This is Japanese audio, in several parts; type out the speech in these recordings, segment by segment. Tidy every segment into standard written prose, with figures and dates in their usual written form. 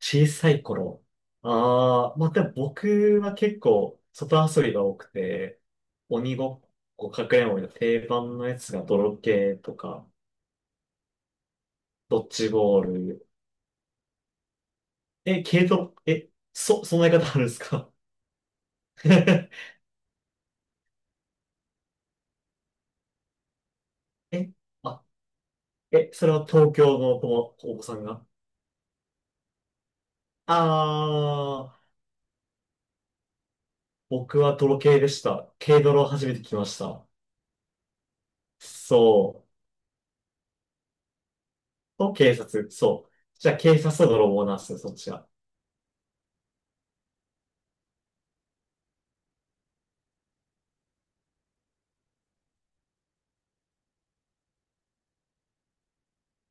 小さい頃。でも僕は結構外遊びが多くて、鬼ごっこ、かくれんぼの定番のやつが泥系とか、ドッジボール。え、軽度、そんな言い方あるんですか？ え、あ、え、それは東京のお子さんが？ああー、僕は泥系でした。軽泥を初めて来ました。そう。と警察、そう。じゃあ警察と泥棒なんですよ、そっちは。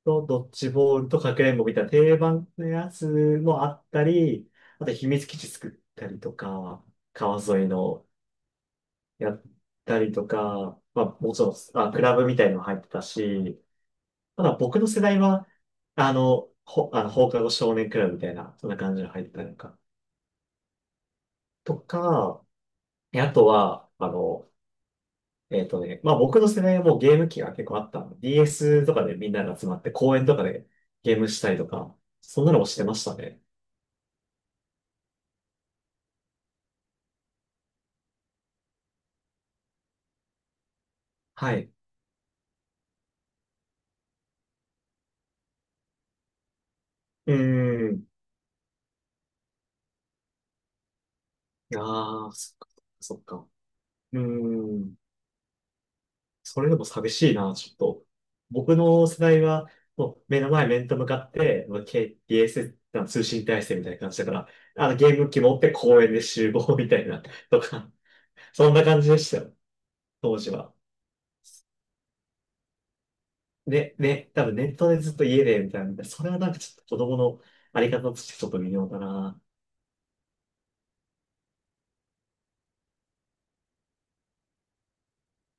と、ドッジボールとかくれんぼみたいな定番のやつもあったり、あと秘密基地作ったりとか、川沿いのやったりとか、まあもちろん、クラブみたいのも入ってたし、ただ僕の世代は、あの、ほ、あの、放課後少年クラブみたいな、そんな感じの入ってたりとか、とか、えあとは、まあ僕の世代はもうゲーム機が結構あったの。DS とかでみんなが集まって公園とかでゲームしたりとか、そんなのもしてましたね。はい。うん。ああ、そっか、そっか。うん。それでも寂しいな、ちょっと。僕の世代は、もう目の前面と向かって、まあケー t s あの通信体制みたいな感じだから、あのゲーム機持って公園で集合みたいな、とか、そんな感じでしたよ、当時は。ね、ね、多分ネットでずっと家で、みたいな。それはなんかちょっと子供のあり方としてちょっと微妙だな。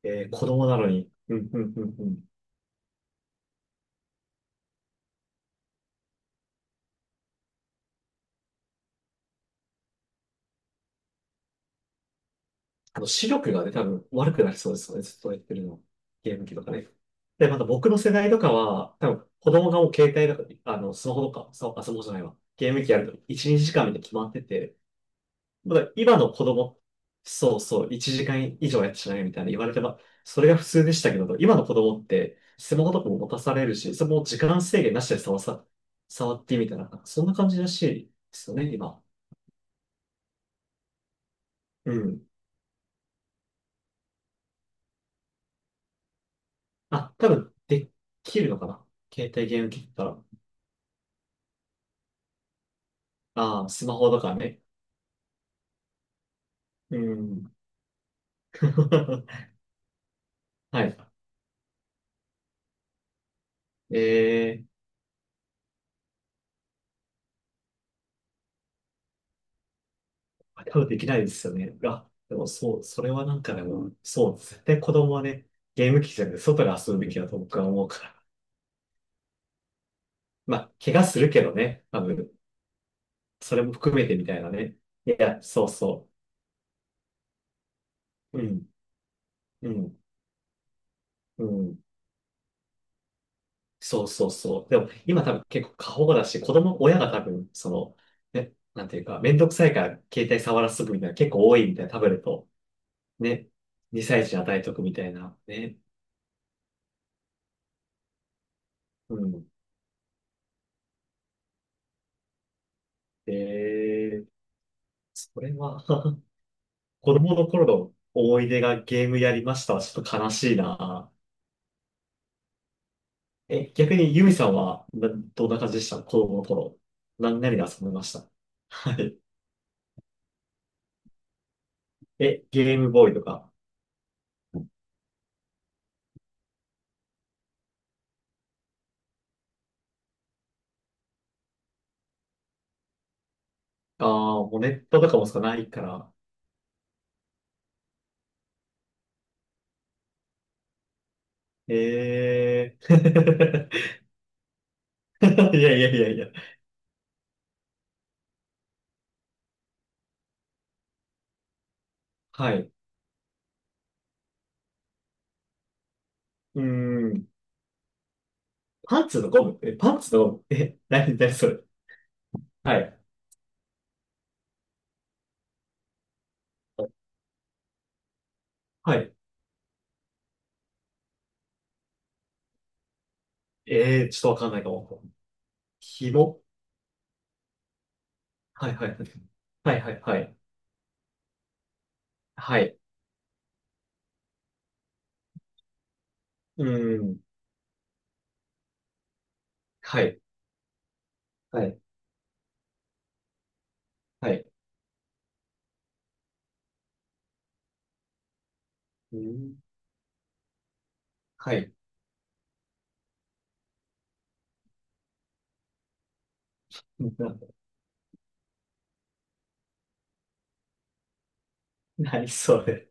えー子供なのに。うん、うん、うん、うん。あの、視力がね、多分悪くなりそうですよね。ずっとやってるの。ゲーム機とかね。で、また僕の世代とかは、多分子供がもう携帯とか、あの、スマホとか、スマホ、あスマホじゃないわ。ゲーム機やると1、2時間みたいに決まってて、まだ今の子供、そうそう、1時間以上やってしないみたいな言われてば、それが普通でしたけど、今の子供って、スマホとかも持たされるし、それも時間制限なしで触ってみたいな、そんな感じらしいですよね、今。うん。あ、多分、できるのかな携帯ゲーム機だったら。ああ、スマホとかね。うん。はい。ええー、多分できないですよね。でもそう、それはなんかでも、そう、絶対子供はね、ゲーム機じゃなくて外で遊ぶべきだと僕は思うから。まあ、怪我するけどね、多分、それも含めてみたいなね。いや、そうそう。うん、うん、うん。そうそうそう。でも、今多分結構過保護だし、子供、親が多分、その、ね、なんていうか、めんどくさいから携帯触らせとくみたいな結構多いみたいな、タブレット。ね、2歳児に与えとくみたいな、ね。うん。えー、それは 子供の頃の思い出がゲームやりましたはちょっと悲しいな。え、逆にユミさんは、などんな感じでした子供の頃。何、何で遊びました？はい。え、ゲームボーイとか。ああ、もうネットとかもしかないから。ええー。いやいやいやいや。はい。うーん。パンツのゴム？え、パンツのゴム？え、何、何それ？はい。はい。ええーちょっとわかんないかも。ひも？はいはいはい。はいはいはい。はい。うーん。はい。はい。はい。うーん。はい。な、何それ。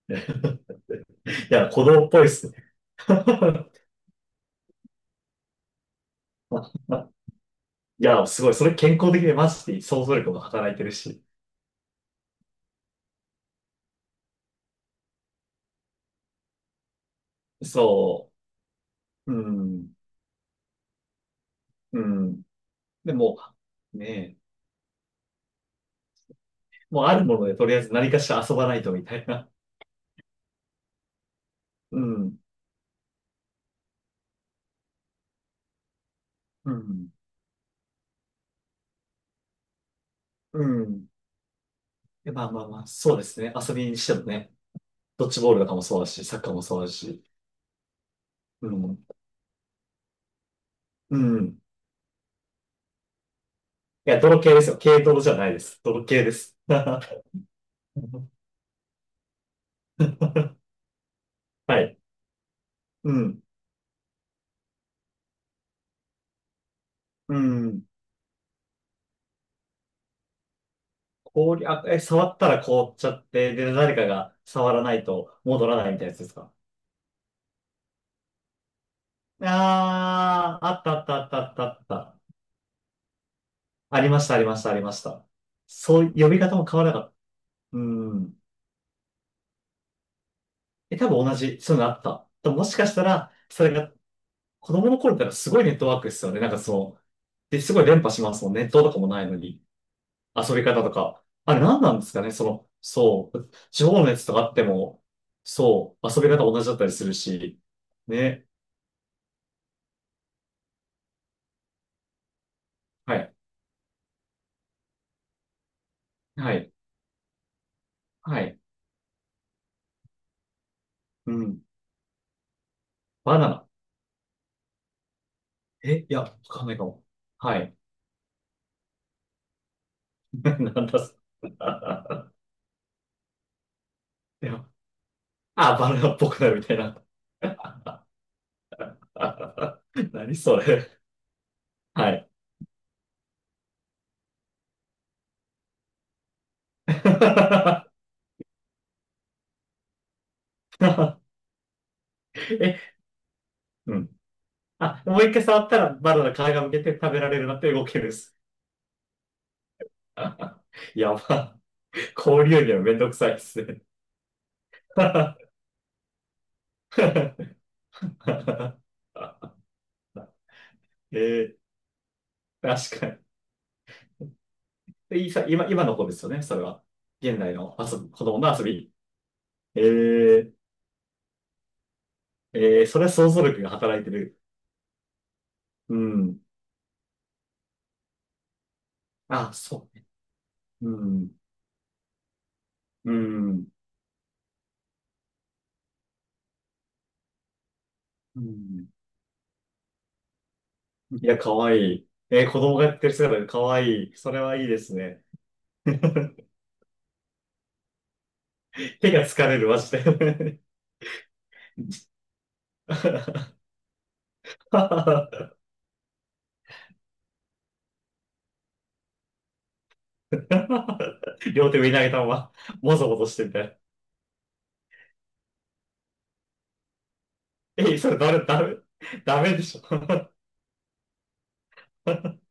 いや、子供っぽいっすね。いや、すごい。それ健康的でマジで想像力も働いてるし。そう。うん。うん。でも、ねえ。もうあるものでとりあえず何かしら遊ばないとみたいな。うん。うん。うん。まあまあまあ、そうですね。遊びにしてもね、ドッジボールとかもそうだし、サッカーもそうだし、うん。うん。いや、泥系ですよ。軽泥じゃないです。泥系です。はい。うん。うん。氷、触ったら凍っちゃって、で、誰かが触らないと戻らないみたいなやつですか？ああー、あったあったあったあったあった。ありました、ありました、ありました。そう、呼び方も変わらなかった。うん。え、多分同じ、そういうのあった。でももしかしたら、それが子供の頃ってなんかすごいネットワークですよね。なんかそう。で、すごい連覇しますもん。ネットとかもないのに。遊び方とか。あれ何なんですかねその、そう。地方のやつとかあっても、そう。遊び方同じだったりするし。ね。はい。はい。はい。うん。バナナ。え、いや、わかんないかも。はい。なんだす。いや、あ、バナナっぽくなるみたいな。何それ。はい。え、うん。あ、もう一回触ったらバナナ皮がむけて食べられるなって動きです。やば。氷よりはめんどくさいですね。えー、確かに。で今、今の子ですよね、それは。現代の遊び、子供の遊び。えー、えー、それは想像力が働いてる。うん。あ、そう。うん。うん。うん。いや、かわいい。えー、子供がやってる姿がかわいい。それはいいですね。手が疲れる、マジで。両手上に投げたまま、もぞもぞしてみたいな。え、それダメ、ダメ、ダメでしょ。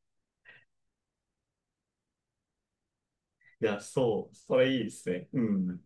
いや、そう、それいいですね。うん。